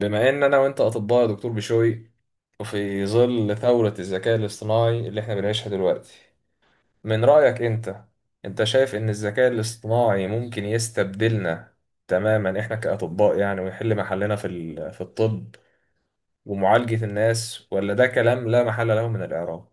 بما ان انا وانت اطباء يا دكتور بشوي، وفي ظل ثورة الذكاء الاصطناعي اللي احنا بنعيشها دلوقتي، من رأيك انت، انت شايف ان الذكاء الاصطناعي ممكن يستبدلنا تماما احنا كأطباء؟ يعني ويحل محلنا في الطب ومعالجة الناس، ولا ده كلام لا محل له من الإعراب؟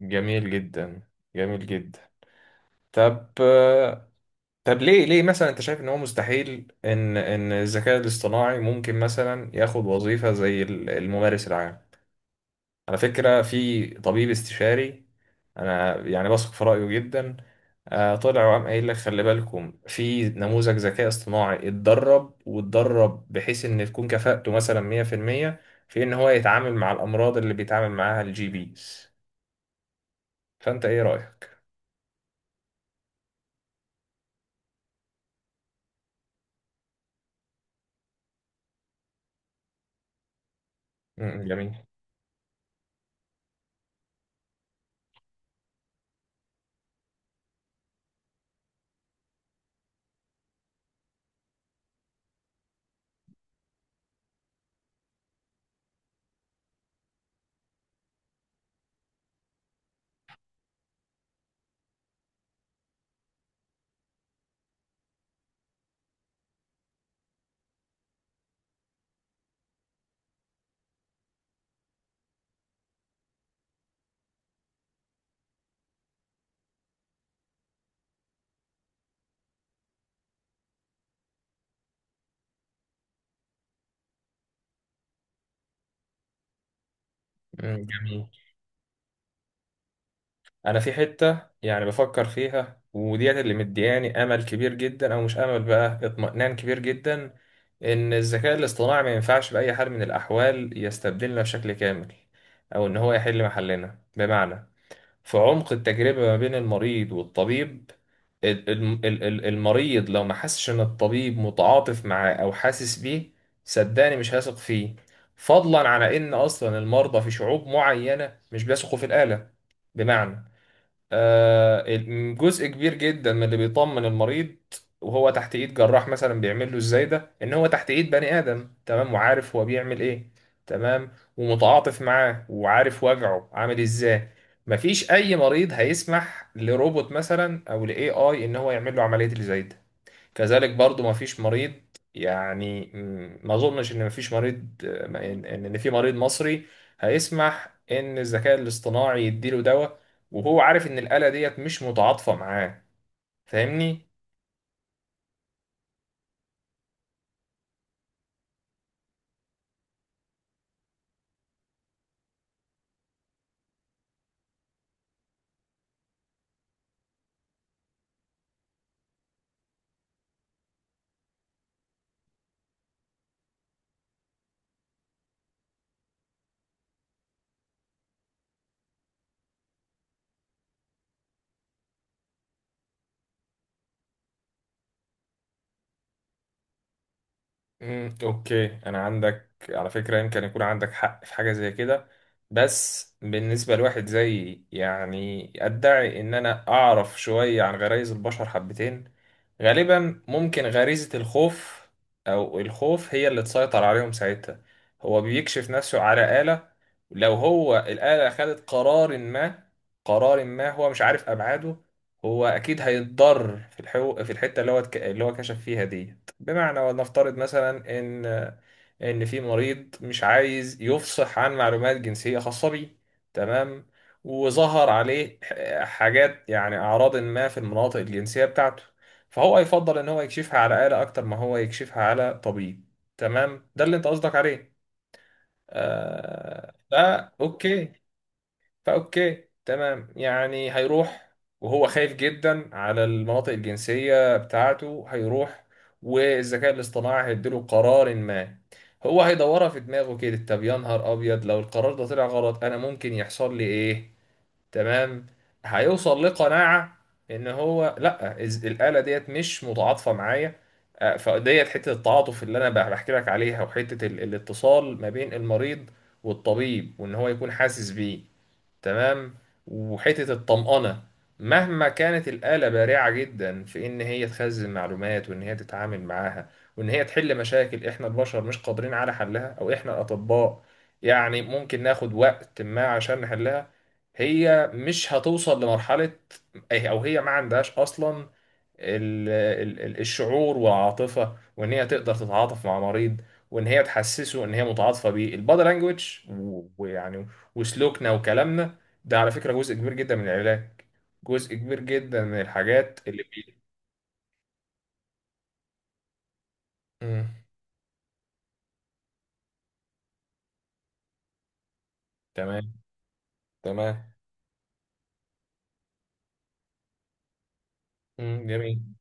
جميل جدا، جميل جدا. طب، طب ليه مثلا انت شايف ان هو مستحيل ان الذكاء الاصطناعي ممكن مثلا ياخد وظيفة زي الممارس العام؟ على فكرة، في طبيب استشاري أنا يعني بثق في رأيه جدا، طلع وقام قايل لك خلي بالكم في نموذج ذكاء اصطناعي اتدرب واتدرب بحيث إن تكون كفاءته مثلا 100% في المية في إن هو يتعامل مع الأمراض اللي بيتعامل معاها الجي بيز. فأنت إيه رأيك؟ مم، جميل. مم، جميل. انا في حته يعني بفكر فيها، وديت اللي مدياني امل كبير جدا، او مش امل بقى، اطمئنان كبير جدا، ان الذكاء الاصطناعي ما ينفعش باي حال من الاحوال يستبدلنا بشكل كامل، او ان هو يحل محلنا. بمعنى، في عمق التجربه ما بين المريض والطبيب، المريض لو ما حسش ان الطبيب متعاطف معاه او حاسس بيه، صدقني مش هيثق فيه. فضلا على ان اصلا المرضى في شعوب معينه مش بيثقوا في الاله. بمعنى، جزء كبير جدا من اللي بيطمن المريض وهو تحت ايد جراح مثلا بيعمل له ازاي ده، ان هو تحت ايد بني ادم، تمام، وعارف هو بيعمل ايه، تمام، ومتعاطف معاه، وعارف وجعه عامل ازاي. مفيش اي مريض هيسمح لروبوت مثلا او لاي اي ان هو يعمل له عمليه اللي زي ده. كذلك برضو ما فيش مريض، يعني ما اظنش ان ما فيش مريض ان إن في مريض مصري هيسمح ان الذكاء الاصطناعي يديله دواء وهو عارف ان الآلة ديت مش متعاطفة معاه. فاهمني؟ مم، اوكي. انا عندك على فكره، يمكن يكون عندك حق في حاجه زي كده، بس بالنسبه لواحد زي، يعني ادعي ان انا اعرف شويه عن غرائز البشر حبتين، غالبا ممكن غريزه الخوف، او الخوف هي اللي تسيطر عليهم ساعتها. هو بيكشف نفسه على آلة، لو هو الآلة خدت قرار ما، قرار ما هو مش عارف ابعاده، هو اكيد هيتضرر في الحته اللي هو كشف فيها دي. بمعنى، ولنفترض مثلا ان في مريض مش عايز يفصح عن معلومات جنسيه خاصه بيه، تمام، وظهر عليه حاجات يعني اعراض ما في المناطق الجنسيه بتاعته، فهو يفضل ان هو يكشفها على آلة اكتر ما هو يكشفها على طبيب. تمام، ده اللي انت قصدك عليه؟ آه، ده اوكي. فأوكي تمام، يعني هيروح، وهو خايف جدا على المناطق الجنسية بتاعته هيروح، والذكاء الاصطناعي هيديله قرار ما، هو هيدورها في دماغه كده، طب يا نهار أبيض، لو القرار ده طلع غلط أنا ممكن يحصل لي إيه؟ تمام. هيوصل لقناعة إن هو لأ، الآلة ديت مش متعاطفة معايا. آه، فديت حتة التعاطف اللي أنا بحكي لك عليها، وحتة الاتصال ما بين المريض والطبيب، وإن هو يكون حاسس بيه، تمام، وحتة الطمأنة، مهما كانت الآلة بارعة جدا في إن هي تخزن معلومات وإن هي تتعامل معاها وإن هي تحل مشاكل إحنا البشر مش قادرين على حلها، أو إحنا الأطباء يعني ممكن ناخد وقت ما عشان نحلها، هي مش هتوصل لمرحلة، أو هي ما عندهاش أصلا الشعور والعاطفة، وإن هي تقدر تتعاطف مع مريض، وإن هي تحسسه إن هي متعاطفة بيه، البادي لانجوج، ويعني وسلوكنا وكلامنا، ده على فكرة جزء كبير جدا من العلاج، جزء كبير جدا من الحاجات اللي بي... مم. تمام. تمام. مم، جميل.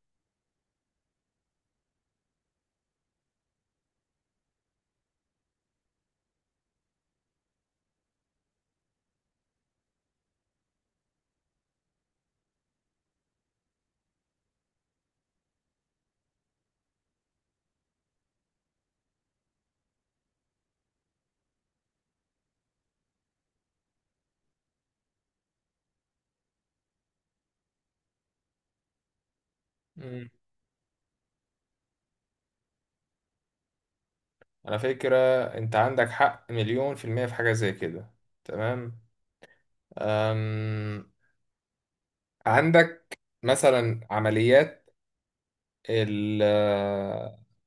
مم. على فكرة أنت عندك حق مليون في المية في حاجة زي كده. تمام. أم... عندك مثلا عمليات، ال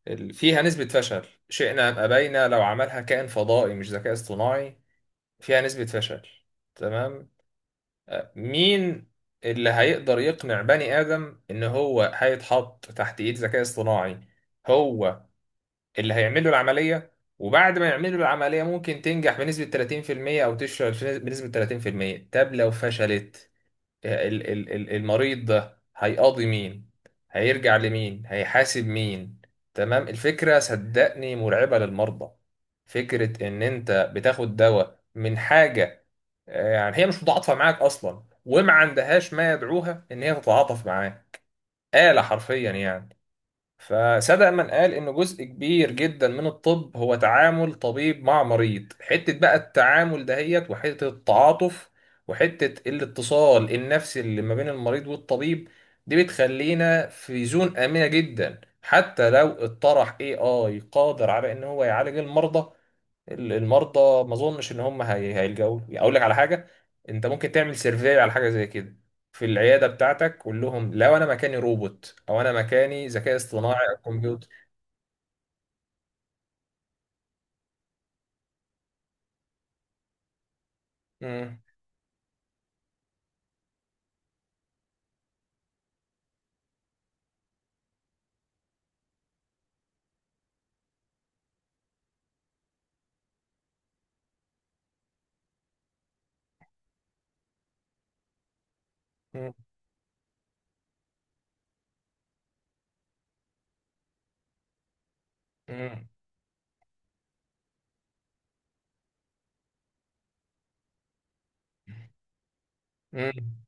فيها نسبة فشل شئنا أم أبينا، لو عملها كائن فضائي مش ذكاء اصطناعي فيها نسبة فشل. تمام. أه، مين اللي هيقدر يقنع بني آدم إن هو هيتحط تحت إيد ذكاء اصطناعي هو اللي هيعمل له العملية؟ وبعد ما يعمل له العملية، ممكن تنجح بنسبة 30% أو تفشل بنسبة 30%. طب لو فشلت، المريض ده هيقاضي مين؟ هيرجع لمين؟ هيحاسب مين؟ تمام. الفكرة صدقني مرعبة للمرضى، فكرة ان انت بتاخد دواء من حاجة، يعني هي مش متعاطفة معاك اصلا، وما عندهاش ما يدعوها ان هي تتعاطف معاه، آلة حرفيا يعني. فصدق من قال إن جزء كبير جدا من الطب هو تعامل طبيب مع مريض، حتة بقى التعامل دهيت، وحتة التعاطف، وحتة الاتصال النفسي اللي ما بين المريض والطبيب، دي بتخلينا في زون آمنة جدا. حتى لو اطرح AI قادر على إن هو يعالج المرضى، المرضى ما اظنش ان هم هيلجأوا له. يعني اقول لك على حاجه، انت ممكن تعمل سيرفي على حاجه زي كده في العياده بتاعتك، قول لهم لو انا مكاني روبوت، او انا مكاني ذكاء اصطناعي او كمبيوتر. مم. مم. مم. مم.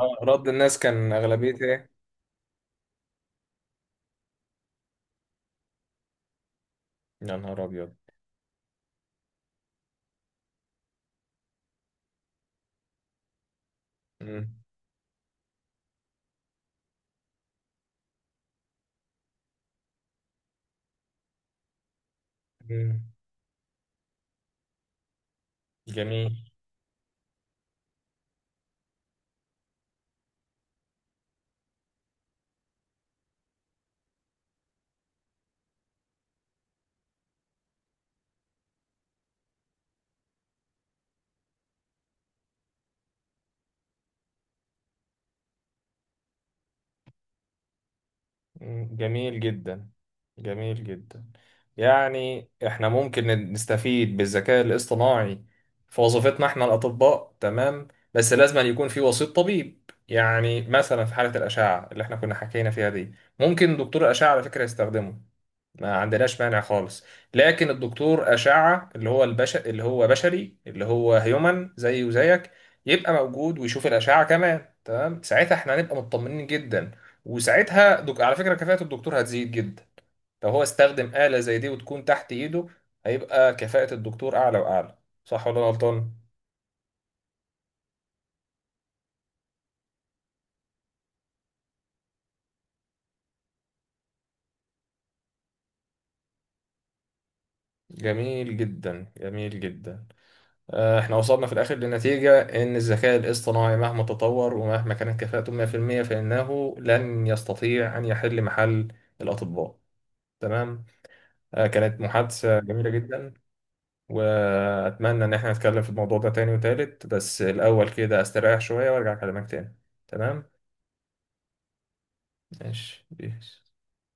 آه، رد الناس كان اغلبيته ايه؟ يا نهار ابيض. مم. مم، جميل. مم، جميل جدا، جميل جدا. يعني احنا ممكن نستفيد بالذكاء الاصطناعي في وظيفتنا احنا الأطباء، تمام، بس لازم أن يكون في وسيط طبيب. يعني مثلا في حالة الأشعة اللي احنا كنا حكينا فيها دي، ممكن دكتور الأشعة على فكرة يستخدمه، ما عندناش مانع خالص، لكن الدكتور أشعة اللي هو البش، اللي هو بشري، اللي هو هيومن زي وزيك، يبقى موجود ويشوف الأشعة كمان، تمام، ساعتها احنا هنبقى مطمنين جدا. وساعتها دك... على فكرة كفاءة الدكتور هتزيد جدا لو هو استخدم آلة زي دي وتكون تحت إيده، هيبقى كفاءة الدكتور أعلى وأعلى. صح ولا أنا غلطان؟ جميل جدا، جميل جدا. آه، احنا وصلنا في الاخر لنتيجة ان الذكاء الاصطناعي مهما تطور ومهما كانت كفاءته 100%، فانه لن يستطيع ان يحل محل الاطباء. تمام. آه، كانت محادثة جميلة جدا، واتمنى ان احنا نتكلم في الموضوع ده تاني وتالت، بس الاول كده استريح شوية وارجع اكلمك تاني. تمام. ماشي بيس.